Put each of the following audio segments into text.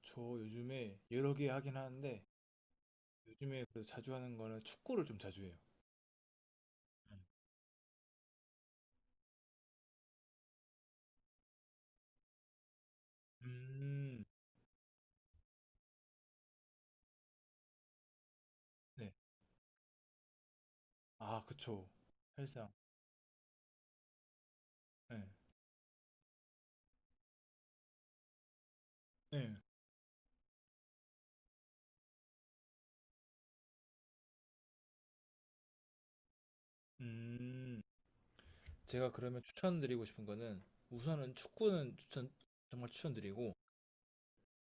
저 요즘에 여러 개 하긴 하는데 요즘에 그래도 자주 하는 거는 축구를 좀 자주 해요. 음, 네. 아, 그쵸. 헬스장. 네. 네. 음, 제가 그러면 추천드리고 싶은 거는 우선은 축구는 정말 추천드리고,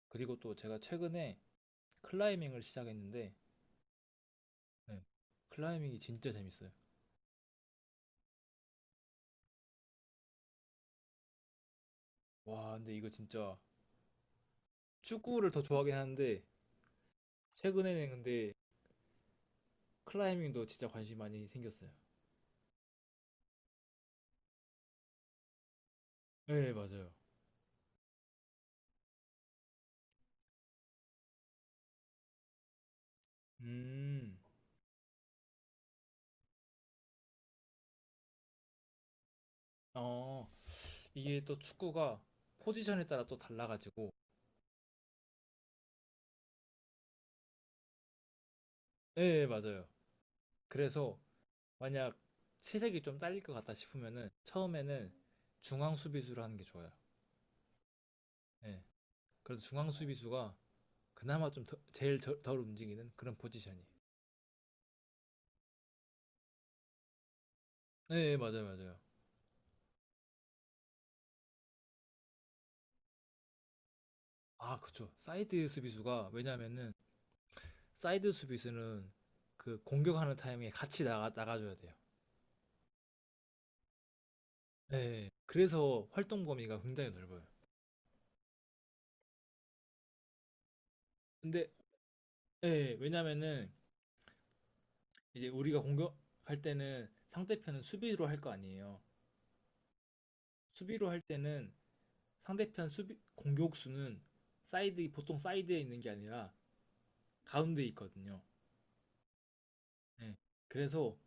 그리고 또 제가 최근에 클라이밍을 시작했는데 네. 클라이밍이 진짜 재밌어요. 와, 근데 이거 진짜 축구를 더 좋아하긴 하는데 최근에는 근데 클라이밍도 진짜 관심 많이 생겼어요. 네, 맞아요. 음, 어, 이게 또 축구가 포지션에 따라 또 달라가지고. 예 예, 맞아요. 그래서 만약 체력이 좀 딸릴 것 같다 싶으면은 처음에는 중앙 수비수로 하는 게 좋아요. 예. 그래서 중앙 수비수가 그나마 제일 덜 움직이는 그런 포지션이. 예 예, 맞아요, 맞아요. 아, 그쵸. 사이드 수비수가 왜냐면은, 사이드 수비수는 그 공격하는 타이밍에 같이 나가줘야 돼요. 예 예. 그래서 활동 범위가 굉장히 넓어요. 근데 예 예. 왜냐면은 이제 우리가 공격할 때는 상대편은 수비로 할 거 아니에요. 수비로 할 때는 상대편 수비 공격수는 사이드 보통 사이드에 있는 게 아니라 가운데 에 있거든요. 네. 그래서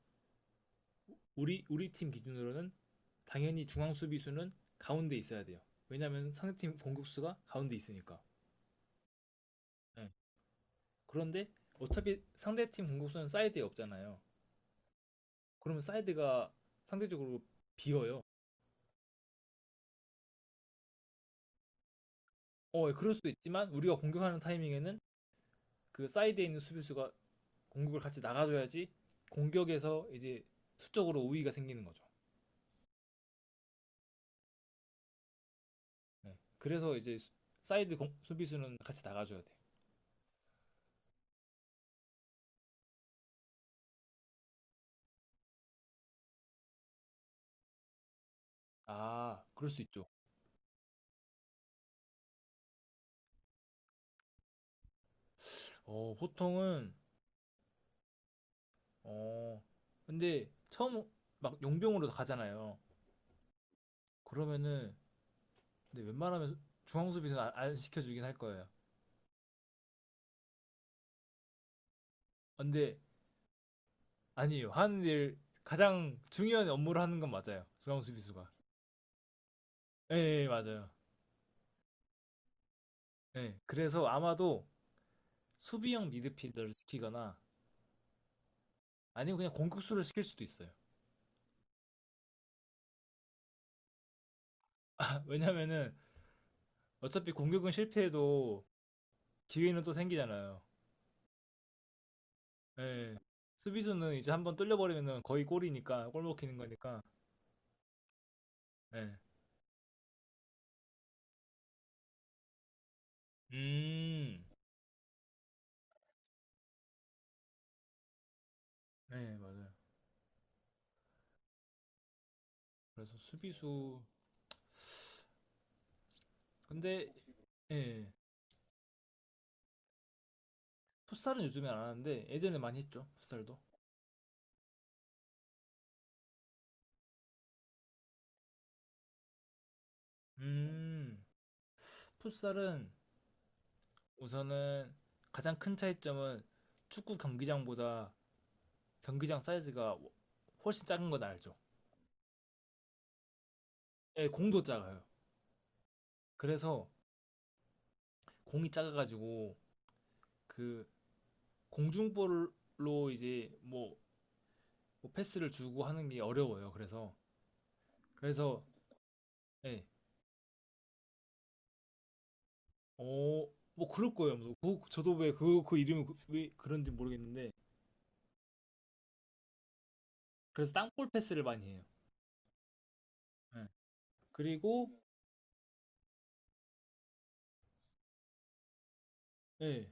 우리 팀 기준으로는 당연히 중앙 수비수는 가운데 있어야 돼요. 왜냐면 상대팀 공격수가 가운데 있으니까. 네. 그런데 어차피 상대팀 공격수는 사이드에 없잖아요. 그러면 사이드가 상대적으로 비어요. 어, 예, 그럴 수도 있지만 우리가 공격하는 타이밍에는 그 사이드에 있는 수비수가 공격을 같이 나가줘야지 공격에서 이제 수적으로 우위가 생기는 거죠. 네. 그래서 이제 사이드 수비수는 같이 나가줘야 돼. 아, 그럴 수 있죠. 보통은, 어, 근데 처음 막 용병으로 가잖아요. 그러면은 근데 웬만하면 중앙 수비수는 안 시켜주긴 할 거예요. 근데 아니에요. 하는 일 가장 중요한 업무를 하는 건 맞아요. 중앙 수비수가. 예, 예 맞아요. 예. 그래서 아마도 수비형 미드필더를 시키거나 아니면 그냥 공격수를 시킬 수도 있어요. 왜냐면은 어차피 공격은 실패해도 기회는 또 생기잖아요. 예. 수비수는 이제 한번 뚫려버리면은 거의 골이니까, 골 먹히는 거니까. 예. 음. 네, 맞아요. 그래서 수비수 근데 예. 풋살은 요즘에 안 하는데 예전에 많이 했죠. 풋살도. 음. 풋살은 우선은 가장 큰 차이점은 축구 경기장보다 경기장 사이즈가 훨씬 작은 건 알죠. 예, 공도 작아요. 그래서 공이 작아가지고 그 공중볼로 이제 뭐 패스를 주고 하는 게 어려워요. 그래서 예, 어, 뭐 그럴 거예요. 뭐 저도 왜 그 이름이 왜 그런지 모르겠는데 그래서 땅볼 패스를 많이 해요. 예. 그리고 예,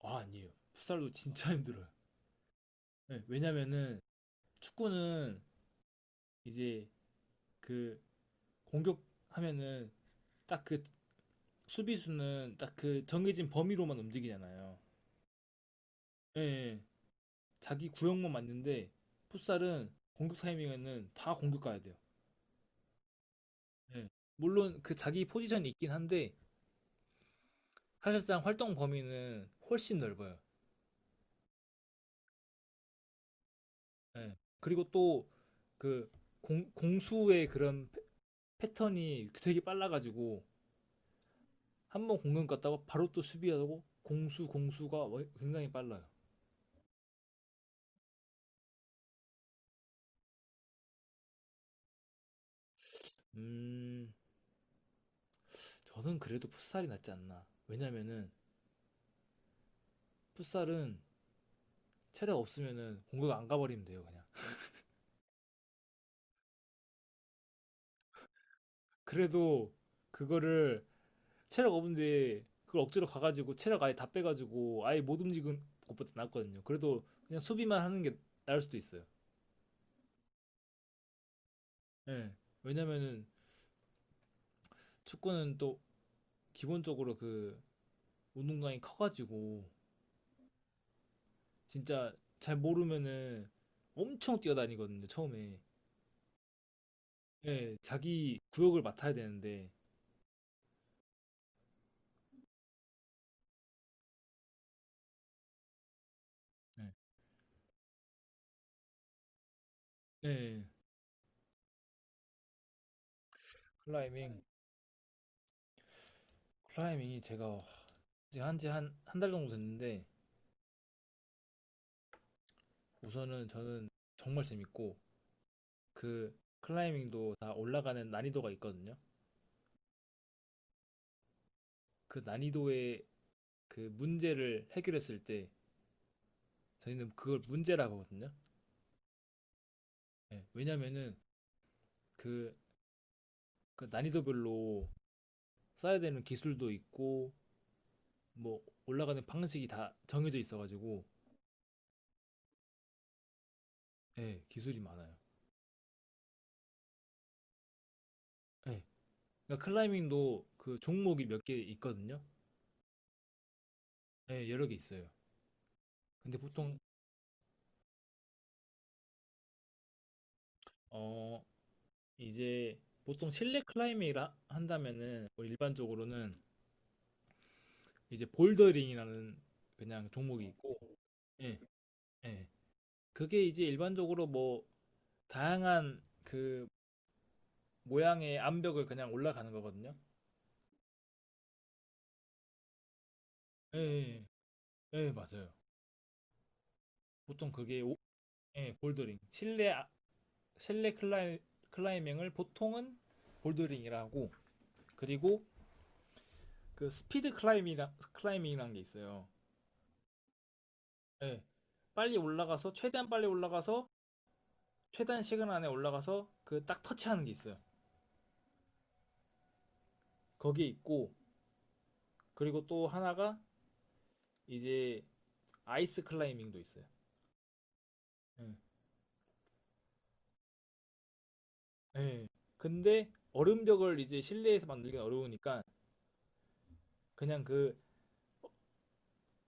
아 아니에요. 풋살도 진짜 힘들어요. 예, 왜냐면은 축구는 이제 그 공격하면은 딱그 수비수는 딱 그 정해진 범위로만 움직이잖아요. 예, 예. 자기 구역만 맞는데 풋살은 공격 타이밍에는 다 공격 가야 돼요. 예. 물론 그 자기 포지션이 있긴 한데 사실상 활동 범위는 훨씬 넓어요. 예. 그리고 또 그 공수의 그런 패턴이 되게 빨라가지고 한 번 공격 갔다가 바로 또 수비하고 공수 굉장히 빨라요. 음, 저는 그래도 풋살이 낫지 않나. 왜냐면은 풋살은 체력 없으면은 공격 안 가버리면 돼요 그냥. 그래도 그거를 체력 없는데 그걸 억지로 가가지고 체력 아예 다 빼가지고 아예 못 움직은 것보다 낫거든요. 그래도 그냥 수비만 하는 게 나을 수도 있어요. 예. 왜냐면은 축구는 또 기본적으로 그 운동량이 커가지고 진짜 잘 모르면은 엄청 뛰어다니거든요 처음에. 예. 자기 구역을 맡아야 되는데 예, 예. 클라이밍 클라이밍이 제가 한지 한 한 달 정도 됐는데 우선은 저는 정말 재밌고 그 클라이밍도 다 올라가는 난이도가 있거든요. 그 난이도의 그 문제를 해결했을 때 저희는 그걸 문제라고 하거든요. 예, 왜냐면은 그, 그 난이도별로 써야 되는 기술도 있고 뭐 올라가는 방식이 다 정해져 있어가지고. 예, 기술이 많아요. 예. 그러니까 클라이밍도 그 종목이 몇 개 있거든요. 예, 여러 개 있어요. 근데 보통 어 이제 보통 실내 클라이밍을 한다면은 우리 일반적으로는 이제 볼더링이라는 그냥 종목이 있고, 예, 예. 그게 이제 일반적으로 뭐 다양한 그 모양의 암벽을 그냥 올라가는 거거든요. 예, 예, 예, 예, 맞아요. 보통 그게 예, 볼더링. 실내 실내 클라이밍을 보통은 볼더링이라고, 그리고 그 스피드 클라이밍이라는 게 있어요. 예. 빨리 올라가서 최대한 빨리 올라가서 최단 시간 안에 올라가서 그 딱 터치하는 게 있어요. 거기 에 있고, 그리고 또 하나가 이제 아이스 클라이밍도 있어요. 예. 예. 근데 얼음벽을 이제 실내에서 만들긴 어려우니까 그냥 그,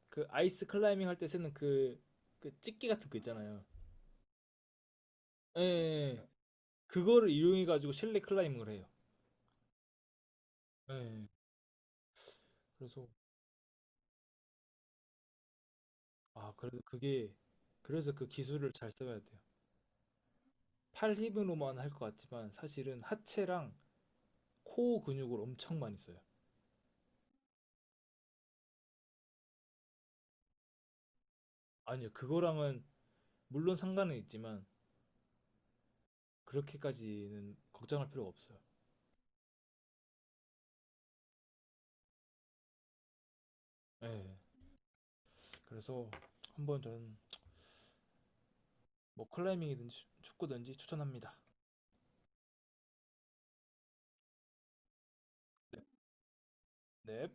그 아이스 클라이밍 할 때 쓰는 그 찍기 같은 거 있잖아요. 예, 예. 예. 그거를 이용해 가지고 실내 클라이밍을 해요. 예, 예. 그래서 아, 그래도 그게 그래서 그 기술을 잘 써야 돼요. 팔 힘으로만 할 것 같지만 사실은 하체랑 코어 근육을 엄청 많이 써요. 아니요, 그거랑은 물론 상관은 있지만 그렇게까지는 걱정할 필요가 없어요. 예. 그래서 한번 저는 뭐 클라이밍이든지 축구든지 추천합니다. 네. 넵.